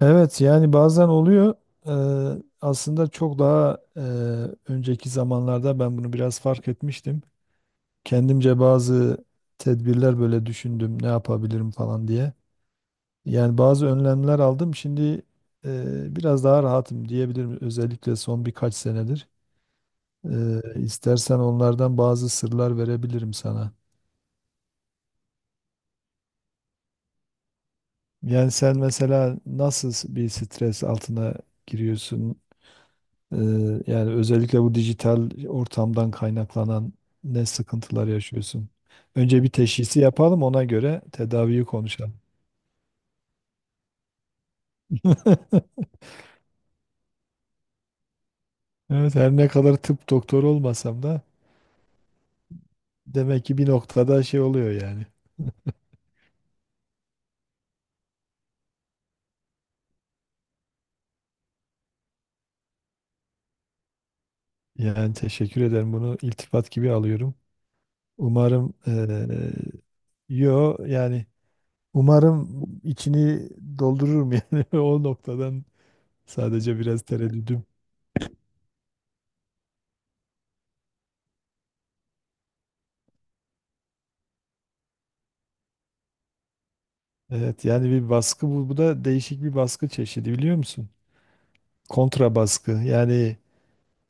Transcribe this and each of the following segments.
Evet yani bazen oluyor. Aslında çok daha önceki zamanlarda ben bunu biraz fark etmiştim. Kendimce bazı tedbirler böyle düşündüm ne yapabilirim falan diye. Yani bazı önlemler aldım. Şimdi biraz daha rahatım diyebilirim. Özellikle son birkaç senedir. İstersen onlardan bazı sırlar verebilirim sana. Yani sen mesela nasıl bir stres altına giriyorsun? Ee, yani özellikle bu dijital ortamdan kaynaklanan ne sıkıntılar yaşıyorsun? Önce bir teşhisi yapalım, ona göre tedaviyi konuşalım. Evet, her ne kadar tıp doktoru olmasam da demek ki bir noktada şey oluyor yani. Yani teşekkür ederim, bunu iltifat gibi alıyorum. Umarım yo yani umarım içini doldururum yani o noktadan sadece biraz tereddüdüm. Evet yani bir baskı bu, bu da değişik bir baskı çeşidi biliyor musun? Kontra baskı yani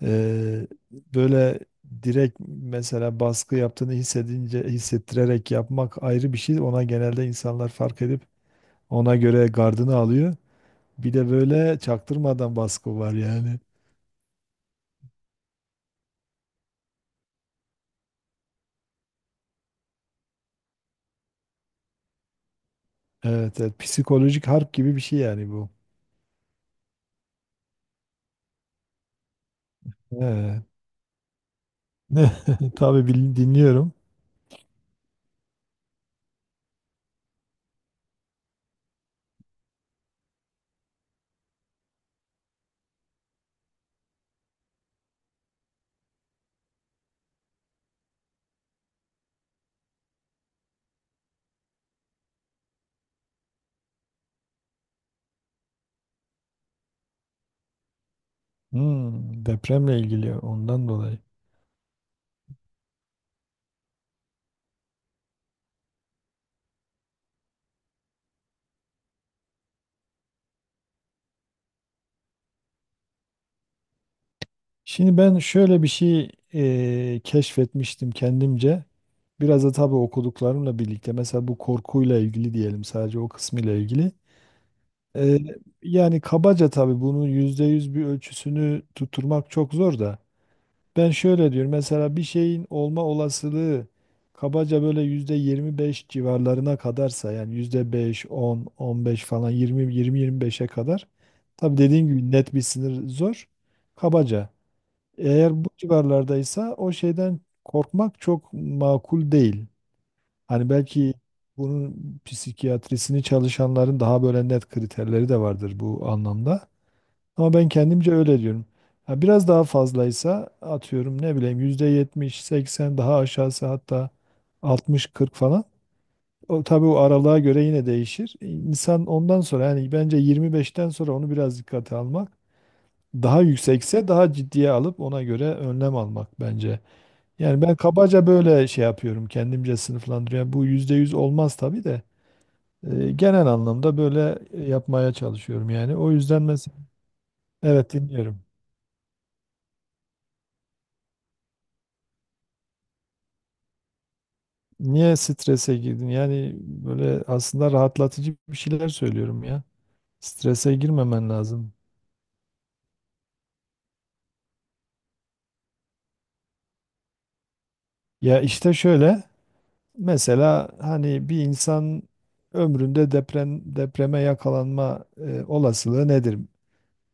böyle direkt mesela baskı yaptığını hissedince hissettirerek yapmak ayrı bir şey. Ona genelde insanlar fark edip ona göre gardını alıyor. Bir de böyle çaktırmadan baskı var yani. Evet, evet psikolojik harp gibi bir şey yani bu. Evet. Tabii dinliyorum. Hmm, depremle ilgili ondan dolayı. Şimdi ben şöyle bir şey keşfetmiştim kendimce. Biraz da tabii okuduklarımla birlikte. Mesela bu korkuyla ilgili diyelim, sadece o kısmıyla ilgili. E, yani kabaca tabii bunun %100 bir ölçüsünü tutturmak çok zor da. Ben şöyle diyorum, mesela bir şeyin olma olasılığı kabaca böyle %25 civarlarına kadarsa, yani yüzde beş, on, on beş falan, yirmi, yirmi, yirmi beşe kadar. Tabii dediğim gibi net bir sınır zor. Kabaca. Eğer bu civarlardaysa o şeyden korkmak çok makul değil. Hani belki bunun psikiyatrisini çalışanların daha böyle net kriterleri de vardır bu anlamda. Ama ben kendimce öyle diyorum. Ha, biraz daha fazlaysa, atıyorum ne bileyim %70, seksen, daha aşağısı hatta altmış, kırk falan. O, tabii o aralığa göre yine değişir. İnsan ondan sonra yani bence yirmi beşten sonra onu biraz dikkate almak. Daha yüksekse daha ciddiye alıp ona göre önlem almak bence. Yani ben kabaca böyle şey yapıyorum, kendimce sınıflandırıyorum. Bu %100 olmaz tabii de genel anlamda böyle yapmaya çalışıyorum yani. O yüzden mesela evet dinliyorum. Niye strese girdin? Yani böyle aslında rahatlatıcı bir şeyler söylüyorum ya. Strese girmemen lazım. Ya işte şöyle, mesela hani bir insan ömründe deprem, depreme yakalanma olasılığı nedir?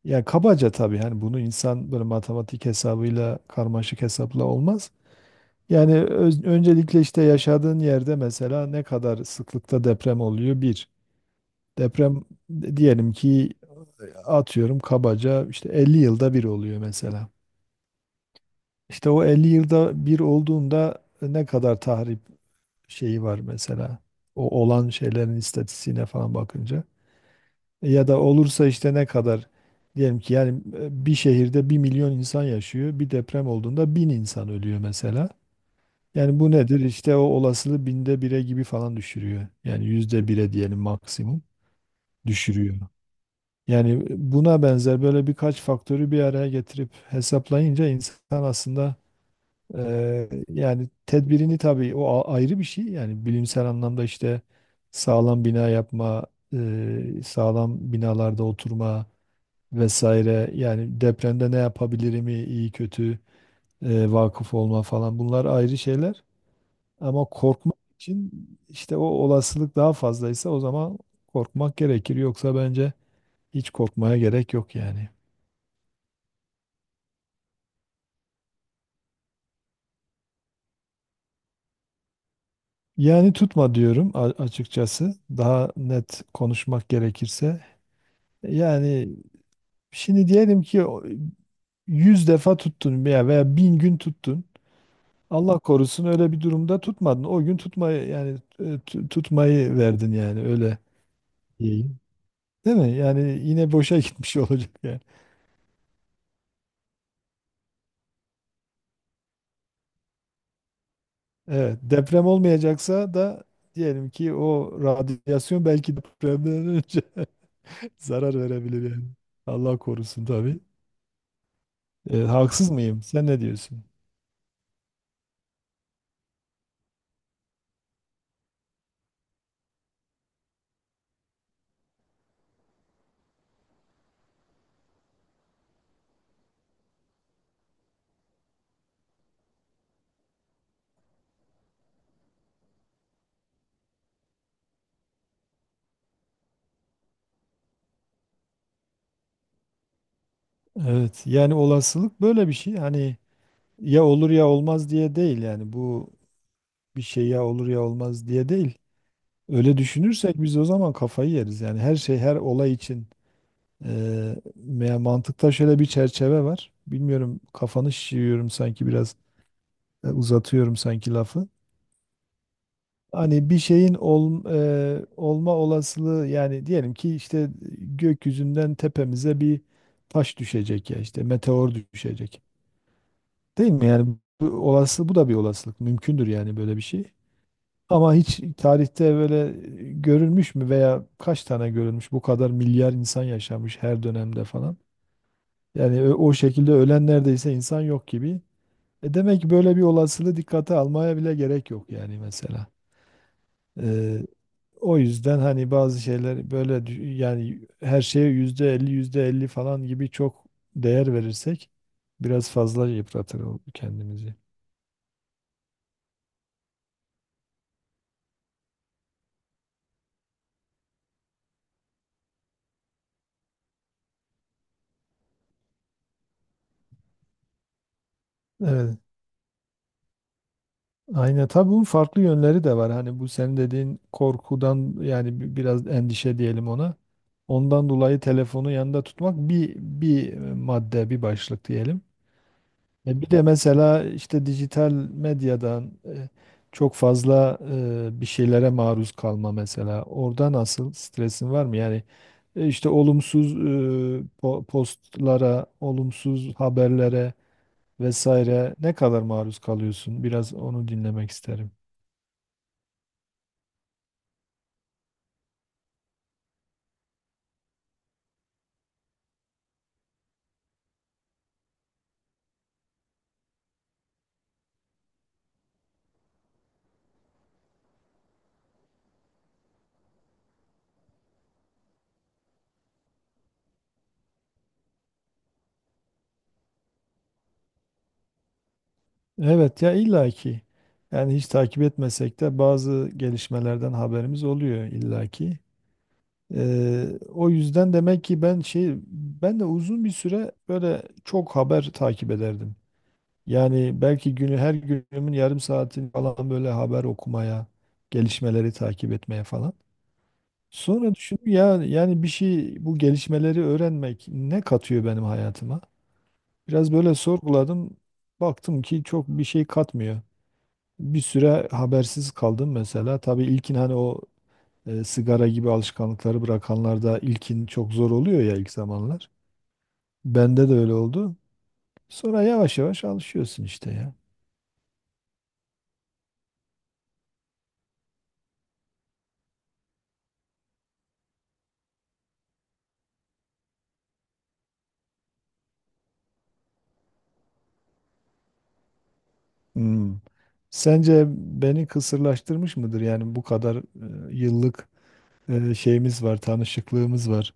Ya kabaca tabii, hani bunu insan böyle matematik hesabıyla, karmaşık hesapla olmaz. Yani öncelikle işte yaşadığın yerde mesela ne kadar sıklıkta deprem oluyor? Bir. Deprem diyelim ki atıyorum kabaca işte 50 yılda bir oluyor mesela. İşte o 50 yılda bir olduğunda ne kadar tahrip şeyi var mesela. O olan şeylerin istatistiğine falan bakınca. Ya da olursa işte ne kadar, diyelim ki yani bir şehirde 1.000.000 insan yaşıyor. Bir deprem olduğunda 1000 insan ölüyor mesela. Yani bu nedir? İşte o olasılığı 1/1000'e gibi falan düşürüyor. Yani %1'e diyelim, maksimum düşürüyor. Yani buna benzer böyle birkaç faktörü bir araya getirip hesaplayınca insan aslında yani tedbirini tabii o ayrı bir şey. Yani bilimsel anlamda işte sağlam bina yapma, sağlam binalarda oturma, vesaire. Yani depremde ne yapabilirim iyi kötü vakıf olma falan, bunlar ayrı şeyler. Ama korkmak için işte o olasılık daha fazlaysa o zaman korkmak gerekir. Yoksa bence hiç korkmaya gerek yok yani. Yani tutma diyorum açıkçası. Daha net konuşmak gerekirse. Yani şimdi diyelim ki 100 defa tuttun veya 1000 gün tuttun. Allah korusun öyle bir durumda tutmadın. O gün tutmayı yani tutmayı verdin yani öyle. İyi. Değil mi? Yani yine boşa gitmiş olacak yani. Evet, deprem olmayacaksa da diyelim ki o radyasyon belki depremden önce zarar verebilir yani. Allah korusun tabii. E, haksız mıyım? Sen ne diyorsun? Evet, yani olasılık böyle bir şey. Hani ya olur ya olmaz diye değil, yani bu bir şey ya olur ya olmaz diye değil. Öyle düşünürsek biz o zaman kafayı yeriz. Yani her şey, her olay için eee, yani mantıkta şöyle bir çerçeve var. Bilmiyorum, kafanı şişiriyorum sanki biraz, uzatıyorum sanki lafı. Hani bir şeyin olma olasılığı, yani diyelim ki işte gökyüzünden tepemize bir taş düşecek ya, işte meteor düşecek. Değil mi? Yani bu olası, bu da bir olasılık. Mümkündür yani böyle bir şey. Ama hiç tarihte böyle görülmüş mü veya kaç tane görülmüş? Bu kadar milyar insan yaşamış her dönemde falan. Yani o şekilde ölen neredeyse insan yok gibi. E demek ki böyle bir olasılığı dikkate almaya bile gerek yok yani mesela. Ee, o yüzden hani bazı şeyler böyle yani her şeye %50 yüzde elli falan gibi çok değer verirsek biraz fazla yıpratır kendimizi. Evet. Aynen, tabii bunun farklı yönleri de var. Hani bu senin dediğin korkudan yani biraz endişe diyelim ona. Ondan dolayı telefonu yanında tutmak bir, madde, bir başlık diyelim. E bir de mesela işte dijital medyadan çok fazla bir şeylere maruz kalma mesela. Orada nasıl, stresin var mı? Yani işte olumsuz postlara, olumsuz haberlere vesaire ne kadar maruz kalıyorsun? Biraz onu dinlemek isterim. Evet ya, illaki. Yani hiç takip etmesek de bazı gelişmelerden haberimiz oluyor illaki. O yüzden demek ki ben de uzun bir süre böyle çok haber takip ederdim. Yani belki günü, her günümün yarım saatini falan böyle haber okumaya, gelişmeleri takip etmeye falan. Sonra düşündüm ya, yani bir şey bu gelişmeleri öğrenmek ne katıyor benim hayatıma? Biraz böyle sorguladım. Baktım ki çok bir şey katmıyor. Bir süre habersiz kaldım mesela. Tabii ilkin hani o sigara gibi alışkanlıkları bırakanlarda ilkin çok zor oluyor ya, ilk zamanlar. Bende de öyle oldu. Sonra yavaş yavaş alışıyorsun işte ya. Hmm. Sence beni kısırlaştırmış mıdır? Yani bu kadar yıllık şeyimiz var, tanışıklığımız var.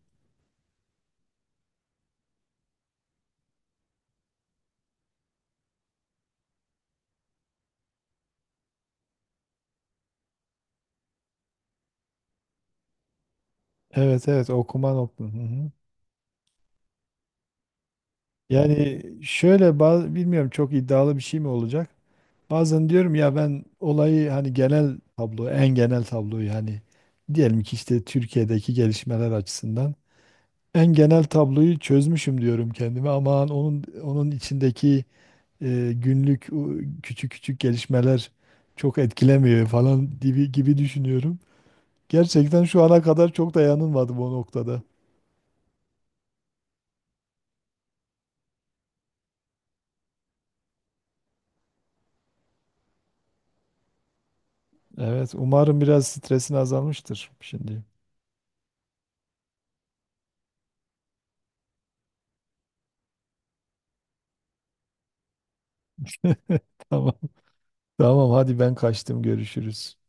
Evet, evet okuma nokta. Hı hı. Yani şöyle bazı, bilmiyorum çok iddialı bir şey mi olacak? Bazen diyorum ya ben olayı hani genel tablo, en genel tabloyu hani diyelim ki işte Türkiye'deki gelişmeler açısından en genel tabloyu çözmüşüm diyorum kendime, ama onun içindeki günlük o küçük küçük gelişmeler çok etkilemiyor falan gibi gibi düşünüyorum. Gerçekten şu ana kadar çok da yanılmadım o noktada. Evet, umarım biraz stresin azalmıştır şimdi. Tamam. Tamam, hadi ben kaçtım, görüşürüz.